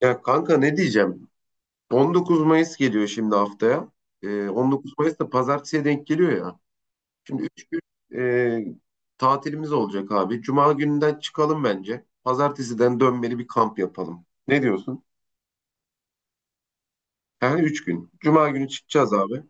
Ya kanka ne diyeceğim? 19 Mayıs geliyor şimdi haftaya. 19 Mayıs da pazartesiye denk geliyor ya. Şimdi 3 gün e, tatilimiz olacak abi. Cuma gününden çıkalım bence. Pazartesiden dönmeli bir kamp yapalım. Ne diyorsun? Yani 3 gün. Cuma günü çıkacağız abi.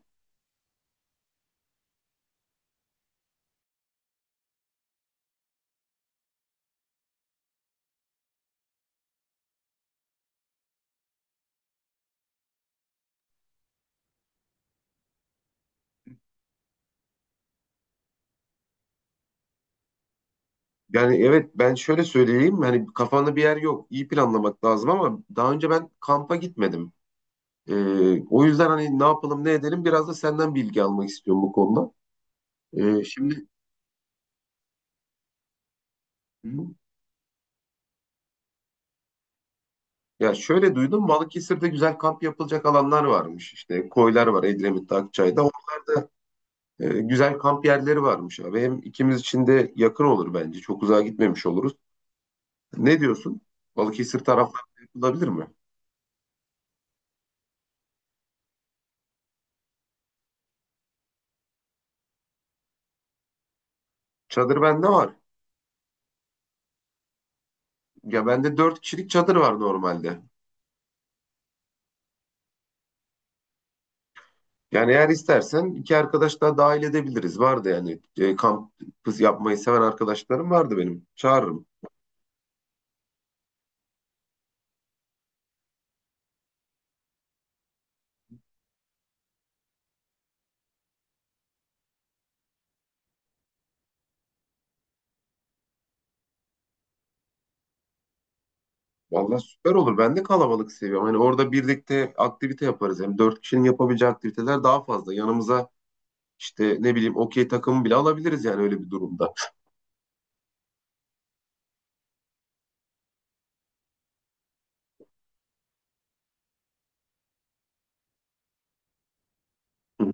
Yani evet ben şöyle söyleyeyim. Hani kafanda bir yer yok. İyi planlamak lazım ama daha önce ben kampa gitmedim. O yüzden hani ne yapalım ne edelim biraz da senden bilgi almak istiyorum bu konuda. Ee, şimdi... Hı? Ya şöyle duydum Balıkesir'de güzel kamp yapılacak alanlar varmış. İşte koylar var Edremit'te, Akçay'da. Güzel kamp yerleri varmış abi. Hem ikimiz için de yakın olur bence. Çok uzağa gitmemiş oluruz. Ne diyorsun? Balıkesir taraflarında yapılabilir mi? Çadır bende var. Ya bende dört kişilik çadır var normalde. Yani eğer istersen iki arkadaş daha dahil edebiliriz. Vardı yani kamp yapmayı seven arkadaşlarım vardı benim. Çağırırım. Vallahi süper olur. Ben de kalabalık seviyorum. Hani orada birlikte aktivite yaparız. Hem dört kişinin yapabileceği aktiviteler daha fazla. Yanımıza işte ne bileyim okey takımı bile alabiliriz yani öyle bir durumda. Hı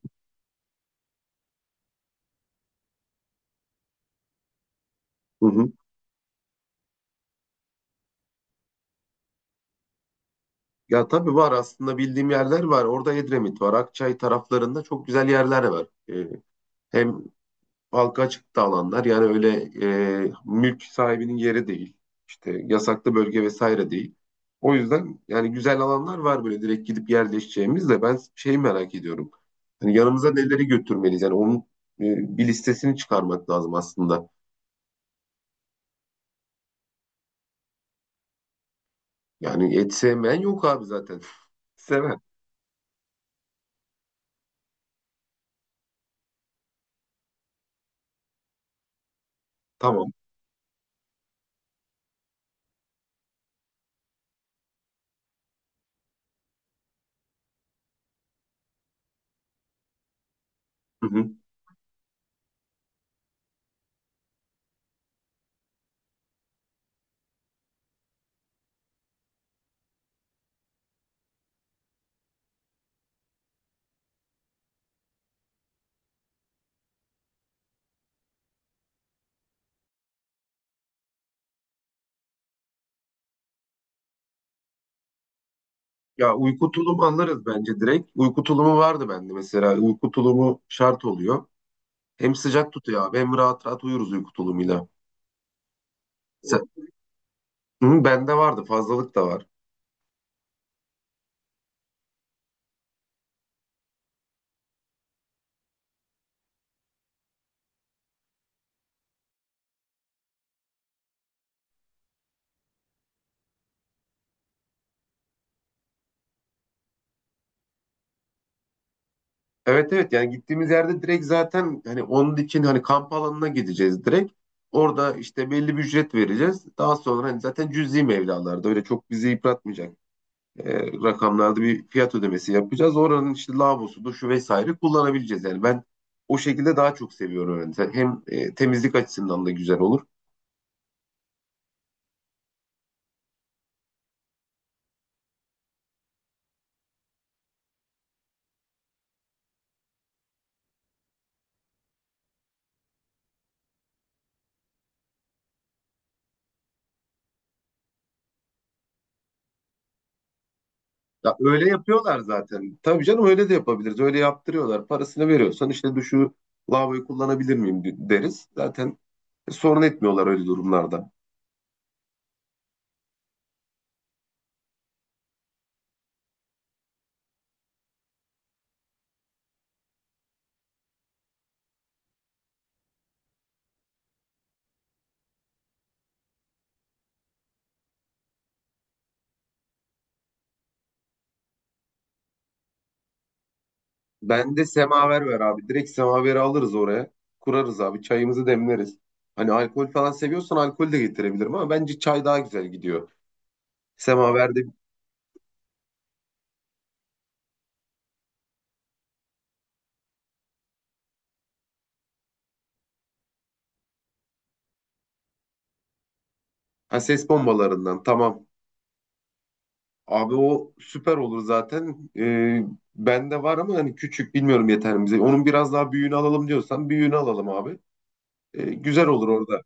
hı, hı. Ya tabii var aslında bildiğim yerler var. Orada Edremit var. Akçay taraflarında çok güzel yerler var. Ee, Hem halka açık da alanlar. Yani öyle mülk sahibinin yeri değil. İşte yasaklı bölge vesaire değil. O yüzden yani güzel alanlar var böyle direkt gidip yerleşeceğimiz de ben şeyi merak ediyorum. Hani yanımıza neleri götürmeliyiz? Yani onun bir listesini çıkarmak lazım aslında. Yani et sevmeyen yok abi zaten. Seven. Tamam. Hı hı. Ya uyku tulumu alırız bence direkt. Uyku tulumu vardı bende mesela. Uyku tulumu şart oluyor. Hem sıcak tutuyor abi hem rahat rahat uyuruz uyku tulumuyla. Hı, bende vardı fazlalık da var. Evet, evet, yani gittiğimiz yerde direkt zaten hani onun için hani kamp alanına gideceğiz direkt. Orada işte belli bir ücret vereceğiz. Daha sonra hani zaten cüzi mevlalarda öyle çok bizi yıpratmayacak rakamlarda bir fiyat ödemesi yapacağız. Oranın işte lavabosu, duşu vesaire kullanabileceğiz. Yani ben o şekilde daha çok seviyorum. Yani hem temizlik açısından da güzel olur. Ya öyle yapıyorlar zaten. Tabii canım öyle de yapabiliriz. Öyle yaptırıyorlar. Parasını veriyorsan işte duşu lavaboyu kullanabilir miyim deriz. Zaten sorun etmiyorlar öyle durumlarda. Ben de semaver ver abi. Direkt semaveri alırız oraya. Kurarız abi. Çayımızı demleriz. Hani alkol falan seviyorsan alkol de getirebilirim ama bence çay daha güzel gidiyor. Semaverde ha, ses bombalarından tamam. Abi o süper olur zaten. Bende var ama hani küçük bilmiyorum yeter mi bize. Onun biraz daha büyüğünü alalım diyorsan büyüğünü alalım abi. Güzel olur orada.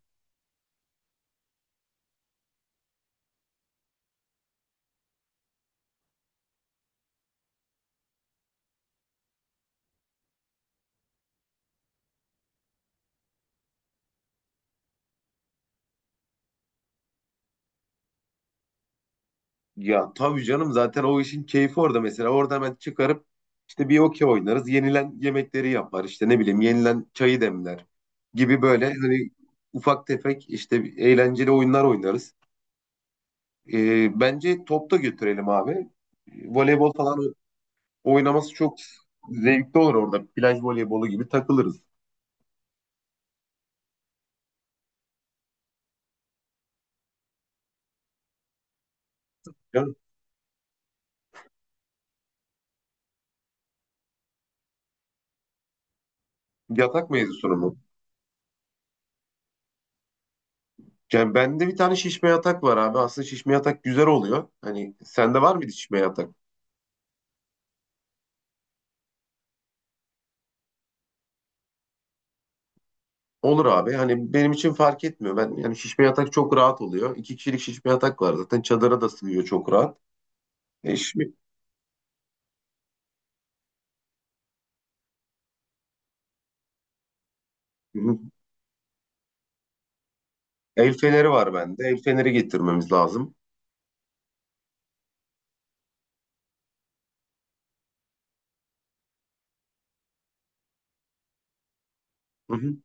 Ya tabii canım zaten o işin keyfi orada mesela. Orada hemen çıkarıp işte bir okey oynarız. Yenilen yemekleri yapar işte ne bileyim yenilen çayı demler gibi böyle hani ufak tefek işte eğlenceli oyunlar oynarız. Bence top da götürelim abi. Voleybol falan oynaması çok zevkli olur orada. Plaj voleybolu gibi takılırız. Ya, yatak mevzusunu mu? Yani bende bir tane şişme yatak var abi. Aslında şişme yatak güzel oluyor. Hani sende var mıydı şişme yatak? Olur abi. Hani benim için fark etmiyor. Ben yani şişme yatak çok rahat oluyor. İki kişilik şişme yatak var zaten. Çadıra da sığıyor çok rahat. E şimdi hı hı, el feneri var bende. El feneri getirmemiz lazım. Hı hı.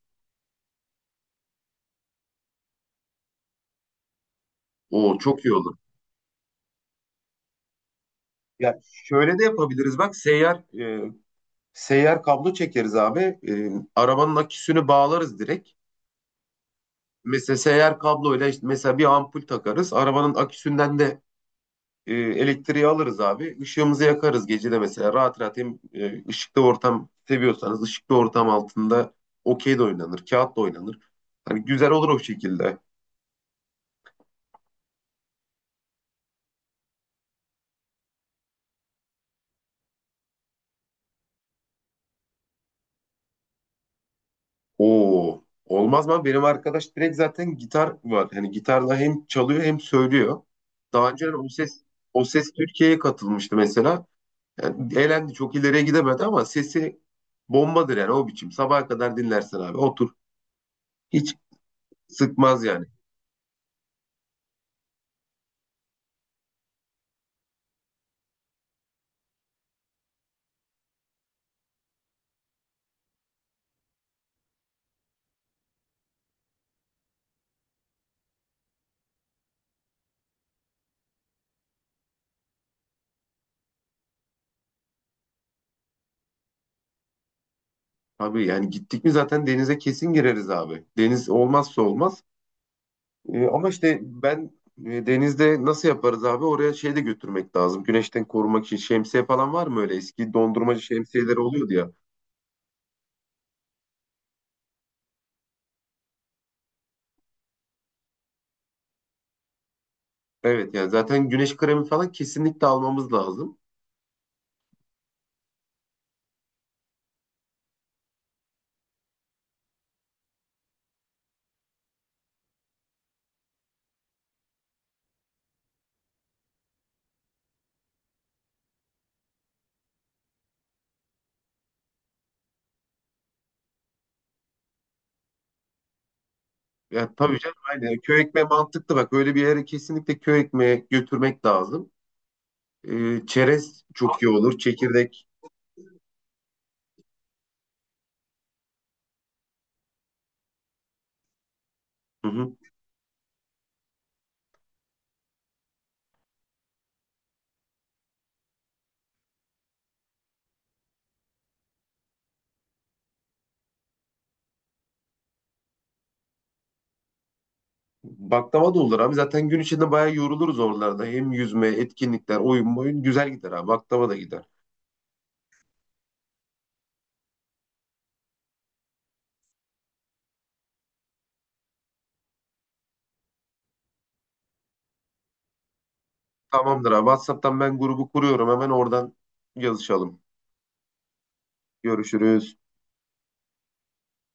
Oo, çok iyi olur. Ya şöyle de yapabiliriz. Bak seyyar seyyar kablo çekeriz abi. Arabanın aküsünü bağlarız direkt. Mesela seyyar kabloyla işte mesela bir ampul takarız. Arabanın aküsünden de elektriği alırız abi. Işığımızı yakarız gece de mesela. Rahat rahat hem ışıklı ortam seviyorsanız ışıklı ortam altında okey de oynanır, kağıt da oynanır. Hani güzel olur o şekilde. Oo, olmaz mı? Benim arkadaş direkt zaten gitar var. Hani gitarla hem çalıyor hem söylüyor. Daha önce o ses Türkiye'ye katılmıştı mesela. Yani eğlendi çok ileriye gidemedi ama sesi bombadır yani o biçim. Sabaha kadar dinlersin abi otur. Hiç sıkmaz yani. Abi yani gittik mi zaten denize kesin gireriz abi. Deniz olmazsa olmaz. Ama işte ben denizde nasıl yaparız abi? Oraya şey de götürmek lazım. Güneşten korumak için şemsiye falan var mı öyle? Eski dondurmacı şemsiyeleri oluyordu ya. Evet, yani zaten güneş kremi falan kesinlikle almamız lazım. Ya tabii canım aynen. Köy ekmeği mantıklı bak. Öyle bir yere kesinlikle köy ekmeği götürmek lazım. Çerez çok iyi olur. Çekirdek. Hı hı. Baklava da olur abi. Zaten gün içinde bayağı yoruluruz oralarda. Hem yüzme, etkinlikler, oyun boyun güzel gider abi. Baklava da gider. Tamamdır abi. WhatsApp'tan ben grubu kuruyorum. Hemen oradan yazışalım. Görüşürüz.